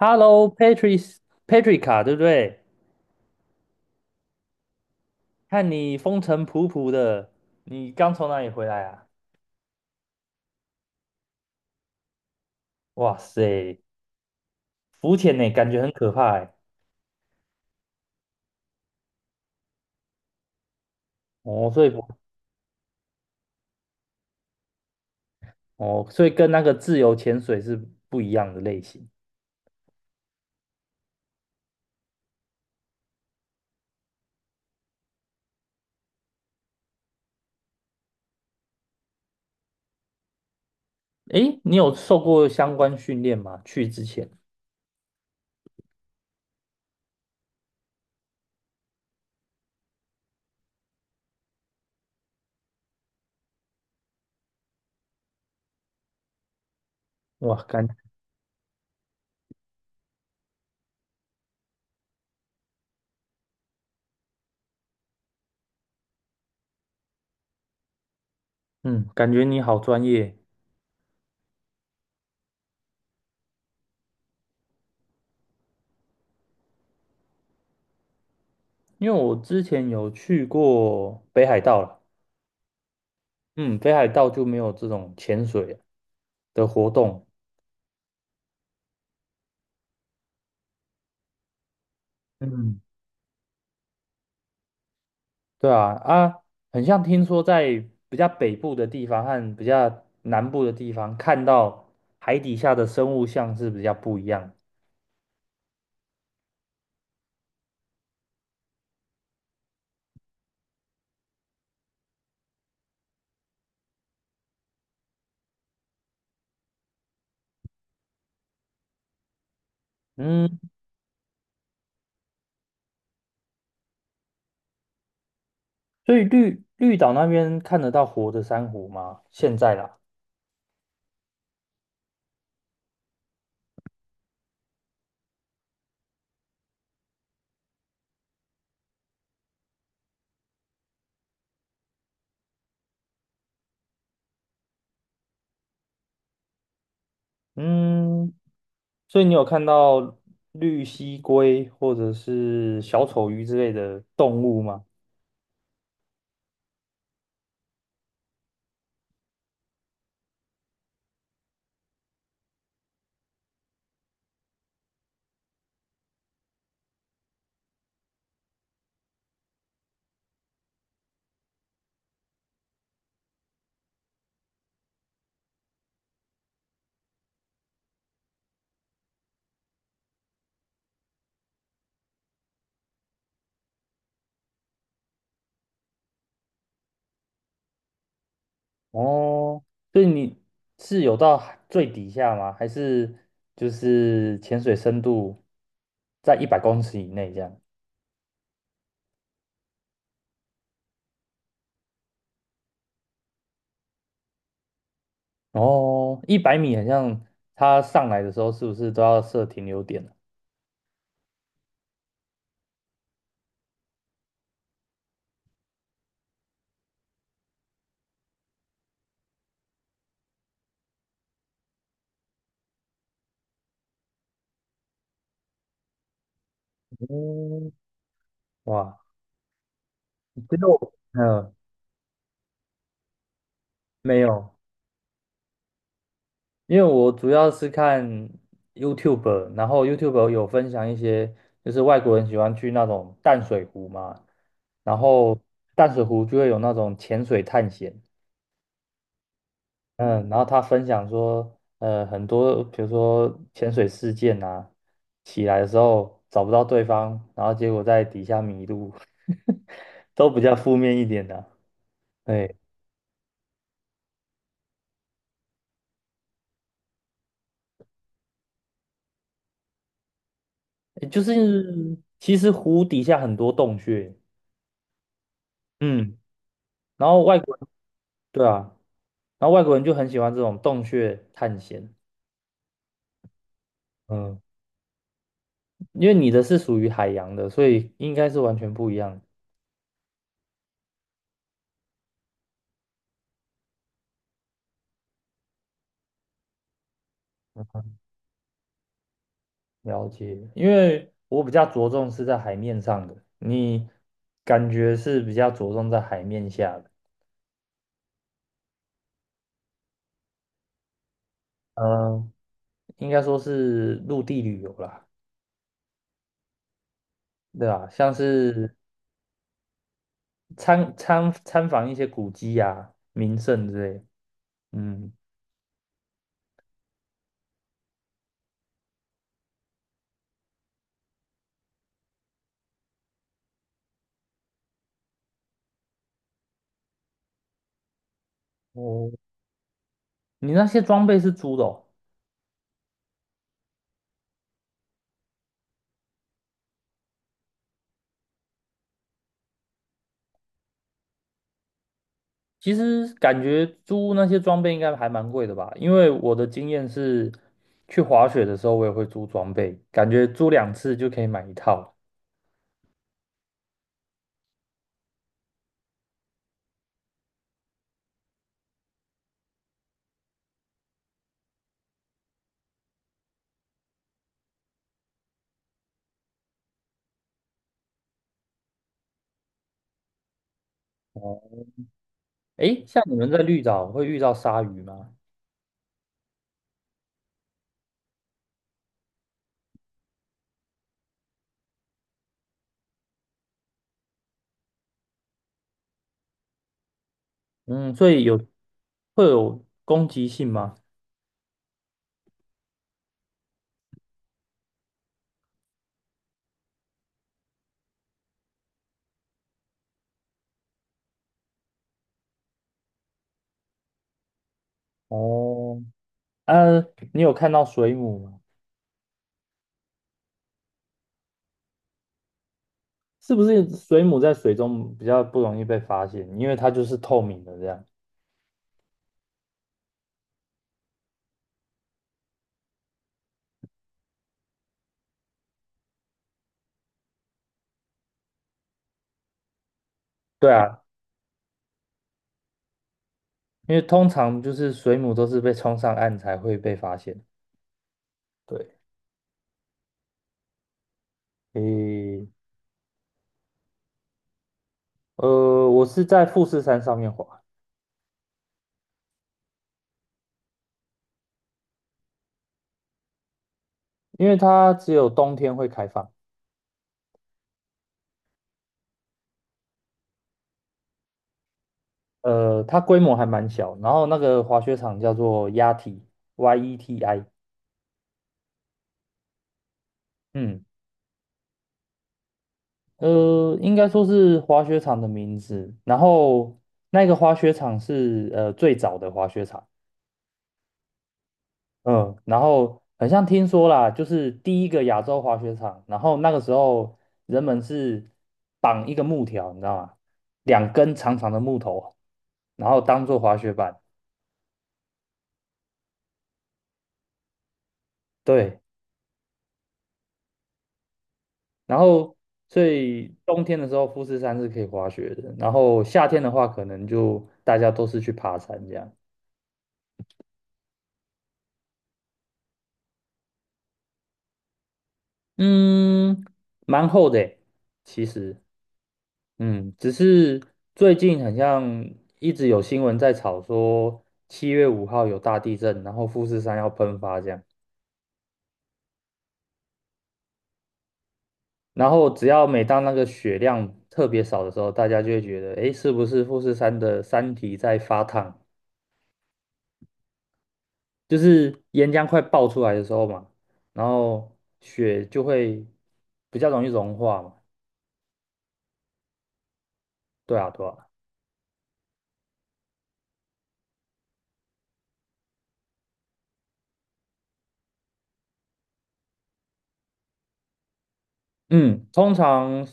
Hello，Patrica，对不对？看你风尘仆仆的，你刚从哪里回来啊？哇塞，浮潜呢，感觉很可怕哎。哦，所以不哦，所以跟那个自由潜水是不一样的类型。诶，你有受过相关训练吗？去之前，哇，嗯，感觉你好专业。因为我之前有去过北海道了，嗯，北海道就没有这种潜水的活动。嗯。对啊，很像听说在比较北部的地方和比较南部的地方，看到海底下的生物像是比较不一样。嗯，所以绿岛那边看得到活的珊瑚吗？现在啦，嗯，所以你有看到绿蜥龟或者是小丑鱼之类的动物吗？哦，所以你是有到海最底下吗？还是就是潜水深度在100公尺以内这样？哦，100米好像它上来的时候是不是都要设停留点呢？嗯，哇，其实我没有，因为我主要是看 YouTube，然后 YouTube 有分享一些，就是外国人喜欢去那种淡水湖嘛，然后淡水湖就会有那种潜水探险，嗯，然后他分享说，很多比如说潜水事件啊，起来的时候找不到对方，然后结果在底下迷路，都比较负面一点的啊。对，诶就是其实湖底下很多洞穴，嗯，然后外国人，对啊，然后外国人就很喜欢这种洞穴探险，嗯，因为你的是属于海洋的，所以应该是完全不一样。了解，因为我比较着重是在海面上的，你感觉是比较着重在海面下的，嗯，应该说是陆地旅游啦，对吧？像是参访一些古迹啊、名胜之类的，嗯，哦，你那些装备是租的哦？其实感觉租那些装备应该还蛮贵的吧，因为我的经验是，去滑雪的时候我也会租装备，感觉租两次就可以买一套。诶，像你们在绿岛会遇到鲨鱼吗？嗯，所以有会有攻击性吗？哦，呃，你有看到水母吗？是不是水母在水中比较不容易被发现，因为它就是透明的这样？对啊，因为通常就是水母都是被冲上岸才会被发现。对，诶，我是在富士山上面滑，因为它只有冬天会开放。它规模还蛮小，然后那个滑雪场叫做 YETI，嗯，应该说是滑雪场的名字。然后那个滑雪场是最早的滑雪场，嗯，然后好像听说啦，就是第一个亚洲滑雪场。然后那个时候人们是绑一个木条，你知道吗？两根长长的木头，然后当做滑雪板。对，然后所以冬天的时候富士山是可以滑雪的，然后夏天的话可能就大家都是去爬山这样。嗯，蛮厚的诶其实，只是最近好像一直有新闻在炒说7月5号有大地震，然后富士山要喷发这样，然后只要每当那个雪量特别少的时候，大家就会觉得，诶，是不是富士山的山体在发烫？就是岩浆快爆出来的时候嘛，然后雪就会比较容易融化嘛，对啊，对啊。嗯，通常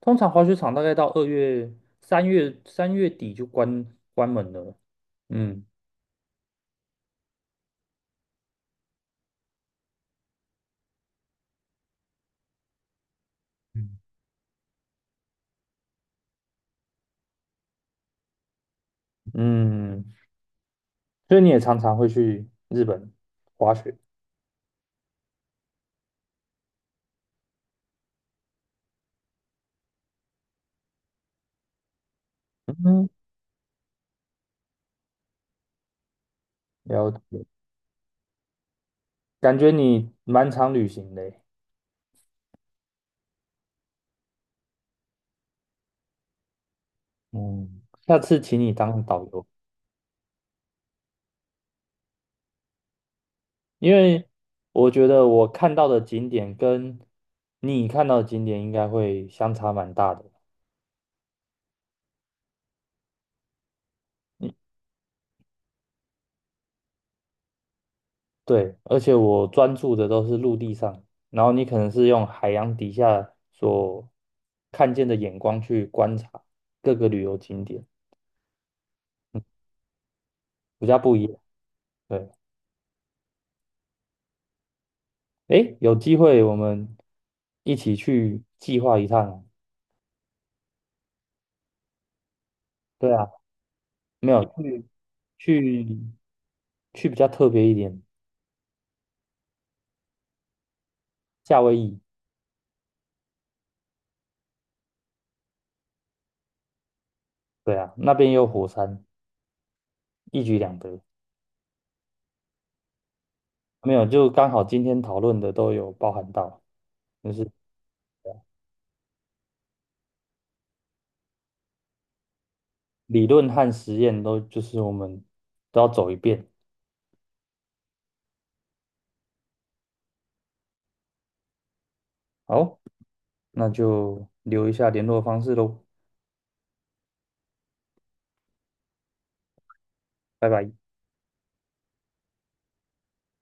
通常滑雪场大概到2月、三月、3月底就关门了。嗯嗯，嗯，所以你也常常会去日本滑雪。嗯，了解，感觉你蛮常旅行的欸。嗯，下次请你当导游，因为我觉得我看到的景点跟你看到的景点应该会相差蛮大的。对，而且我专注的都是陆地上，然后你可能是用海洋底下所看见的眼光去观察各个旅游景点，比较不一样。对，诶，有机会我们一起去计划一趟啊。对啊，没有去去比较特别一点，夏威夷。对啊，那边也有火山，一举两得。没有，就刚好今天讨论的都有包含到，就是。理论和实验都就是我们都要走一遍。好，那就留一下联络方式喽，拜拜。